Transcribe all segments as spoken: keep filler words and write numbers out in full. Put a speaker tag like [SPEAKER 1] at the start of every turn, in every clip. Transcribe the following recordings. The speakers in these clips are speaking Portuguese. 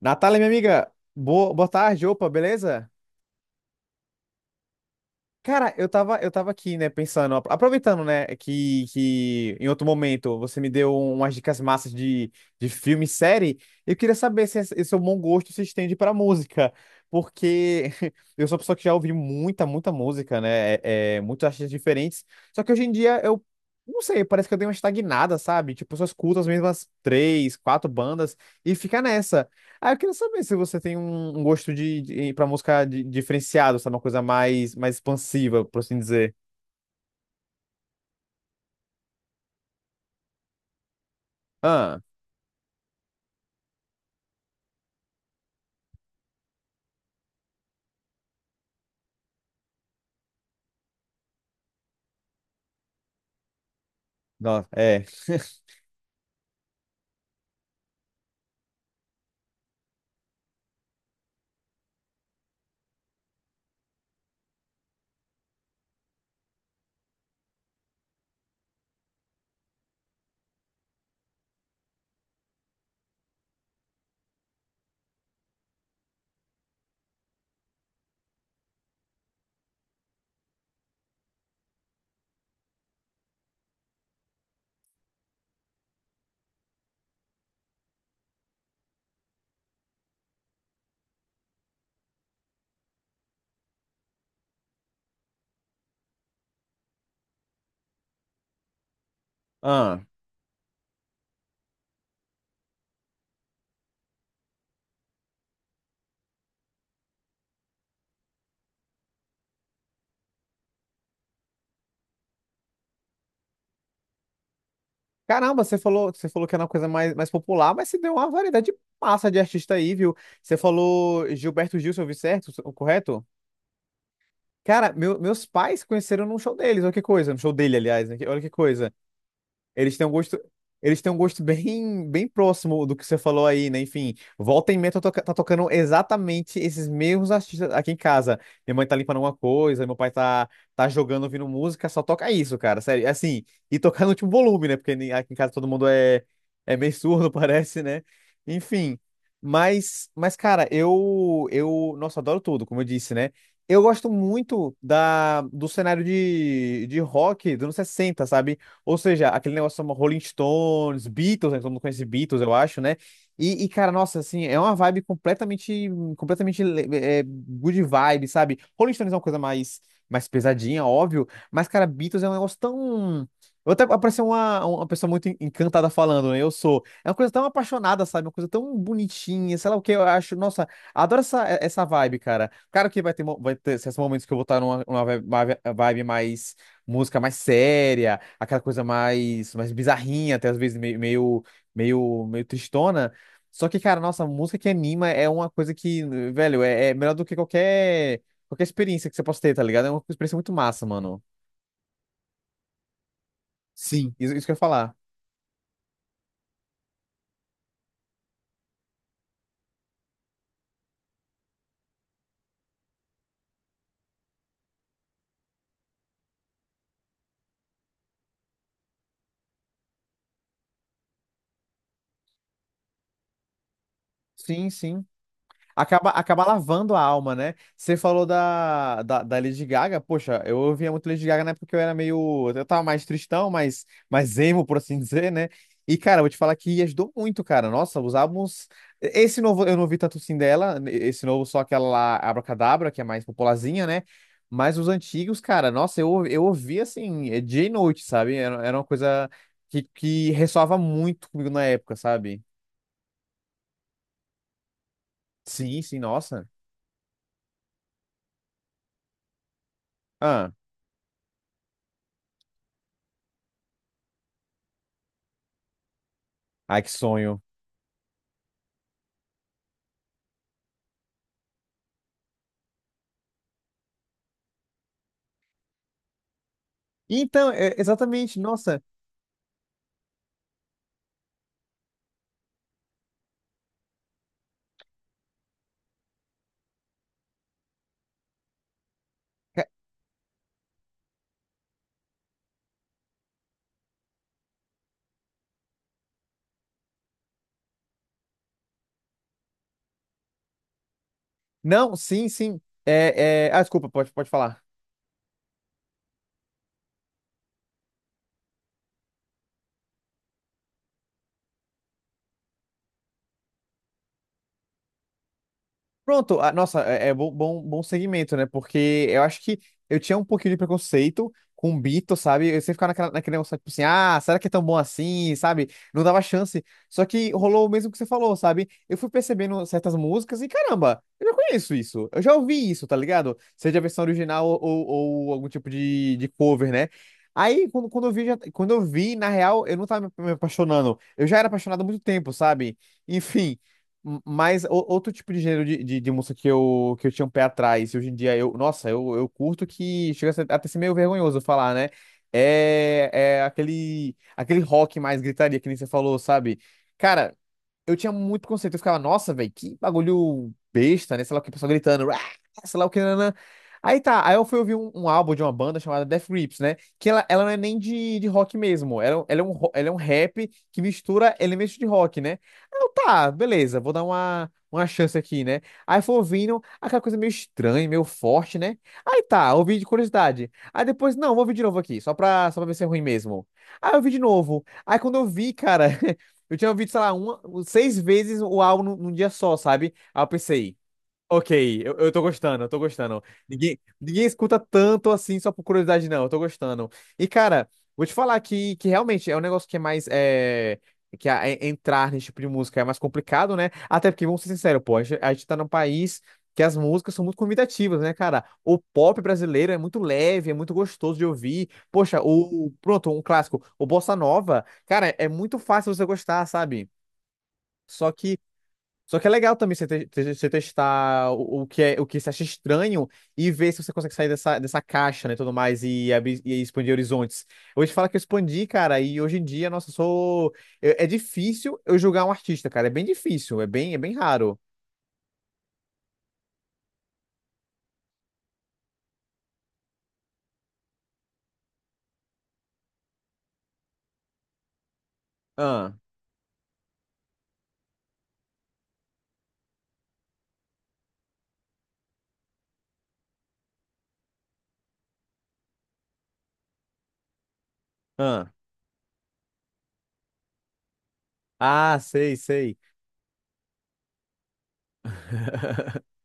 [SPEAKER 1] Natália, minha amiga, boa, boa tarde, opa, beleza? Cara, eu tava, eu tava aqui, né, pensando, apro- aproveitando, né, que, que em outro momento você me deu um, umas dicas massas de, de filme e série. Eu queria saber se esse esse seu bom gosto se estende pra música, porque eu sou uma pessoa que já ouvi muita, muita música, né, é, é, muitos artistas diferentes. Só que hoje em dia eu, não sei, parece que eu dei uma estagnada, sabe? Tipo, eu só escuto as mesmas três, quatro bandas e fica nessa. Ah, eu queria saber se você tem um, um gosto de, de para música di- diferenciado, sabe? Uma coisa mais, mais expansiva, por assim dizer. Ah, não, é. Ah. Caramba, você falou, você falou que era uma coisa mais, mais popular, mas você deu uma variedade massa de artista aí, viu? Você falou Gilberto Gil, se eu ouvi certo, o correto? Cara, meu- meus pais conheceram num show deles, olha que coisa, no show dele, aliás, né? Que- Olha que coisa. Eles têm um gosto, eles têm um gosto bem, bem próximo do que você falou aí, né? Enfim, volta e meia tá, toca- tá tocando exatamente esses mesmos artistas aqui em casa. Minha mãe tá limpando alguma coisa, meu pai tá, tá jogando, ouvindo música, só toca isso, cara. Sério, assim, e tocar no último volume, né? Porque ni- aqui em casa todo mundo é, é meio surdo, parece, né? Enfim, mas, mas cara, eu, eu, nossa, adoro tudo, como eu disse, né? Eu gosto muito da, do cenário de, de rock dos anos sessenta, sabe? Ou seja, aquele negócio chama Rolling Stones, Beatles, né? Todo mundo conhece Beatles, eu acho, né? E, e, cara, nossa, assim, é uma vibe completamente, completamente é, é, good vibe, sabe? Rolling Stones é uma coisa mais, mais pesadinha, óbvio, mas, cara, Beatles é um negócio tão... Eu até parecia uma, uma pessoa muito encantada falando, né? Eu sou. É uma coisa tão apaixonada, sabe? Uma coisa tão bonitinha, sei lá o que eu acho. Nossa, adoro essa, essa vibe, cara. Claro que vai ter, mo- vai ter esses momentos que eu vou estar numa, numa vibe uma vibe mais música mais séria, aquela coisa mais, mais bizarrinha, até às vezes meio, meio, meio, meio tristona. Só que, cara, nossa, a música que anima é uma coisa que, velho, é, é melhor do que qualquer, qualquer experiência que você possa ter, tá ligado? É uma experiência muito massa, mano. Sim. Isso, isso que eu ia falar. Sim, sim. Acaba, acaba lavando a alma, né? Você falou da, da, da Lady Gaga. Poxa, eu ouvia muito Lady Gaga na época que eu era meio. Eu tava mais tristão, mais, mais emo, por assim dizer, né? E, cara, eu vou te falar que ajudou muito, cara. Nossa, os álbuns. Esse novo eu não vi tanto assim dela. Esse novo só aquela lá, Abracadabra, que é mais popularzinha, né? Mas os antigos, cara, nossa, eu, eu ouvi assim, eh, dia e noite, sabe? Era, era uma coisa que, que ressoava muito comigo na época, sabe? Sim, sim, nossa. Ah, ai, que sonho. Então, é, exatamente, nossa. ca- Não, sim, sim. É, é... Ah, desculpa, pode, pode falar. Pronto, ah, nossa, é, é, bom, bom, bom segmento, né? Porque eu acho que eu tinha um pouquinho de preconceito com o Bito, sabe? Eu sempre ficava naquela, naquele negócio, tipo assim, ah, será que é tão bom assim, sabe? Não dava chance. Só que rolou o mesmo que você falou, sabe? Eu fui percebendo certas músicas e, caramba, eu já conheço isso. Eu já ouvi isso, tá ligado? Seja a versão original ou, ou, ou algum tipo de, de cover, né? Aí, quando, quando eu vi, já, quando eu vi, na real, eu não tava me me apaixonando. Eu já era apaixonado há muito tempo, sabe? Enfim. Mas o- outro tipo de gênero de, de, de música que eu, que eu tinha um pé atrás, e hoje em dia eu, nossa, eu, eu curto que chega a ser- até ser meio vergonhoso falar, né? É, é aquele, aquele rock mais gritaria, que nem você falou, sabe? Cara, eu tinha muito conceito. Eu ficava, nossa, velho, que bagulho besta, né? Sei lá o que, o pessoal gritando, "Ah", sei lá o que, nanã. Aí tá, aí eu fui ouvir um, um álbum de uma banda chamada Death Grips, né? Que ela, ela não é nem de, de rock mesmo, ela, é um, ela, é um, ro- ela é um rap que mistura elementos de rock, né? Aí eu, tá, beleza, vou dar uma, uma chance aqui, né? Aí fui ouvindo aquela coisa meio estranha, meio forte, né? Aí tá, ouvi de curiosidade. Aí depois, não, vou ouvir de novo aqui, só pra, só pra ver se é ruim mesmo. Aí eu ouvi de novo. Aí quando eu vi, cara. Eu tinha ouvido, sei lá, uma, seis vezes o álbum num num dia só, sabe? Aí eu pensei, ok, eu, eu tô gostando, eu tô gostando. Ninguém, ninguém escuta tanto assim só por curiosidade, não. Eu tô gostando. E, cara, vou te falar que, que realmente é um negócio que é mais. É, que a- é- entrar nesse tipo de música é mais complicado, né? Até porque, vamos ser sinceros, pô, a gente, a gente tá num país que as músicas são muito convidativas, né, cara? O pop brasileiro é muito leve, é muito gostoso de ouvir. Poxa, o. Pronto, um clássico, o Bossa Nova. Cara, é muito fácil você gostar, sabe? Só que só que é legal também você, te- te- você testar o, o que é, o que você acha estranho e ver se você consegue sair dessa, dessa caixa, né, tudo mais, e abrir, e expandir horizontes. Eu vou te falar que eu expandi, cara, e hoje em dia, nossa, eu sou... eu- é difícil eu julgar um artista, cara, é bem difícil, é bem, é bem raro. Ah, ah, ah, sei, sei.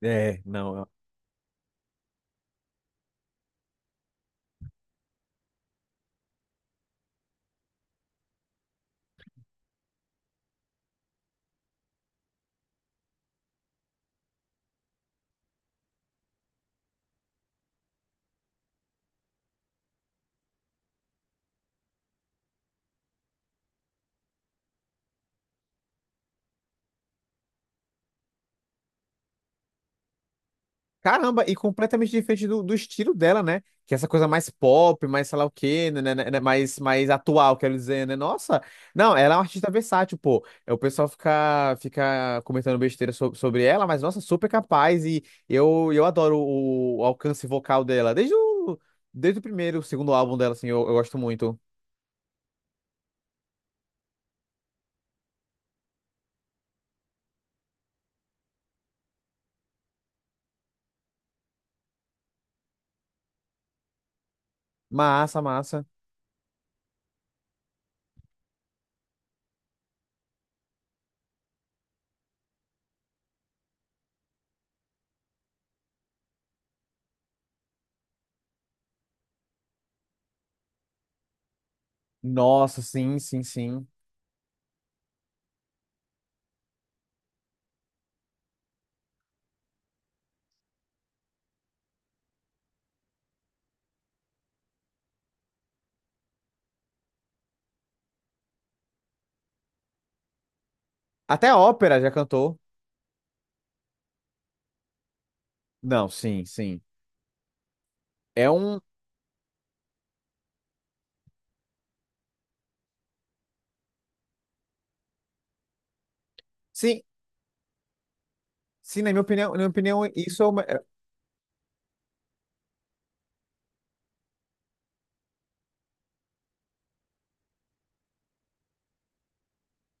[SPEAKER 1] É, não, caramba, e completamente diferente do, do estilo dela, né? Que é essa coisa mais pop, mais sei lá o quê, né, né, né, né, mais, mais atual, quero dizer, né? Nossa, não, ela é uma artista versátil, pô. É, o pessoal fica, fica comentando besteira so- sobre ela, mas nossa, super capaz e eu, eu adoro o, o alcance vocal dela. Desde o, desde o primeiro, o segundo álbum dela, assim, eu, eu gosto muito. Massa, massa. Nossa, sim, sim, sim. Até a ópera já cantou. Não, sim, sim. É um. Sim, sim, na minha opinião, na minha opinião, isso...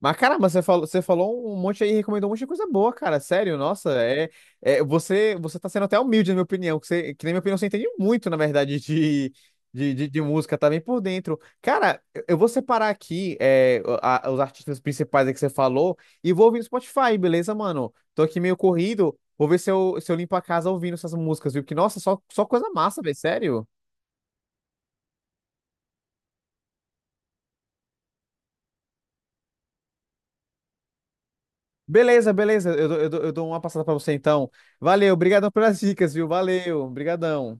[SPEAKER 1] Mas caramba, você falou, você falou um monte aí, recomendou um monte de coisa boa, cara. Sério, nossa, é, é você, você tá sendo até humilde, na minha opinião, que, você, que na minha opinião você entende muito, na verdade, de, de, de, de música, tá bem por dentro. Cara, eu eu vou separar aqui é, a- os artistas principais aí que você falou e vou ouvir no Spotify, beleza, mano? Tô aqui meio corrido, vou ver se eu, se eu limpo a casa ouvindo essas músicas, viu? Porque, nossa, só, só coisa massa, velho, sério. Beleza, beleza, eu, dou- eu, dou- eu dou uma passada pra você então. Valeu, obrigadão pelas dicas, viu? Valeu, obrigadão.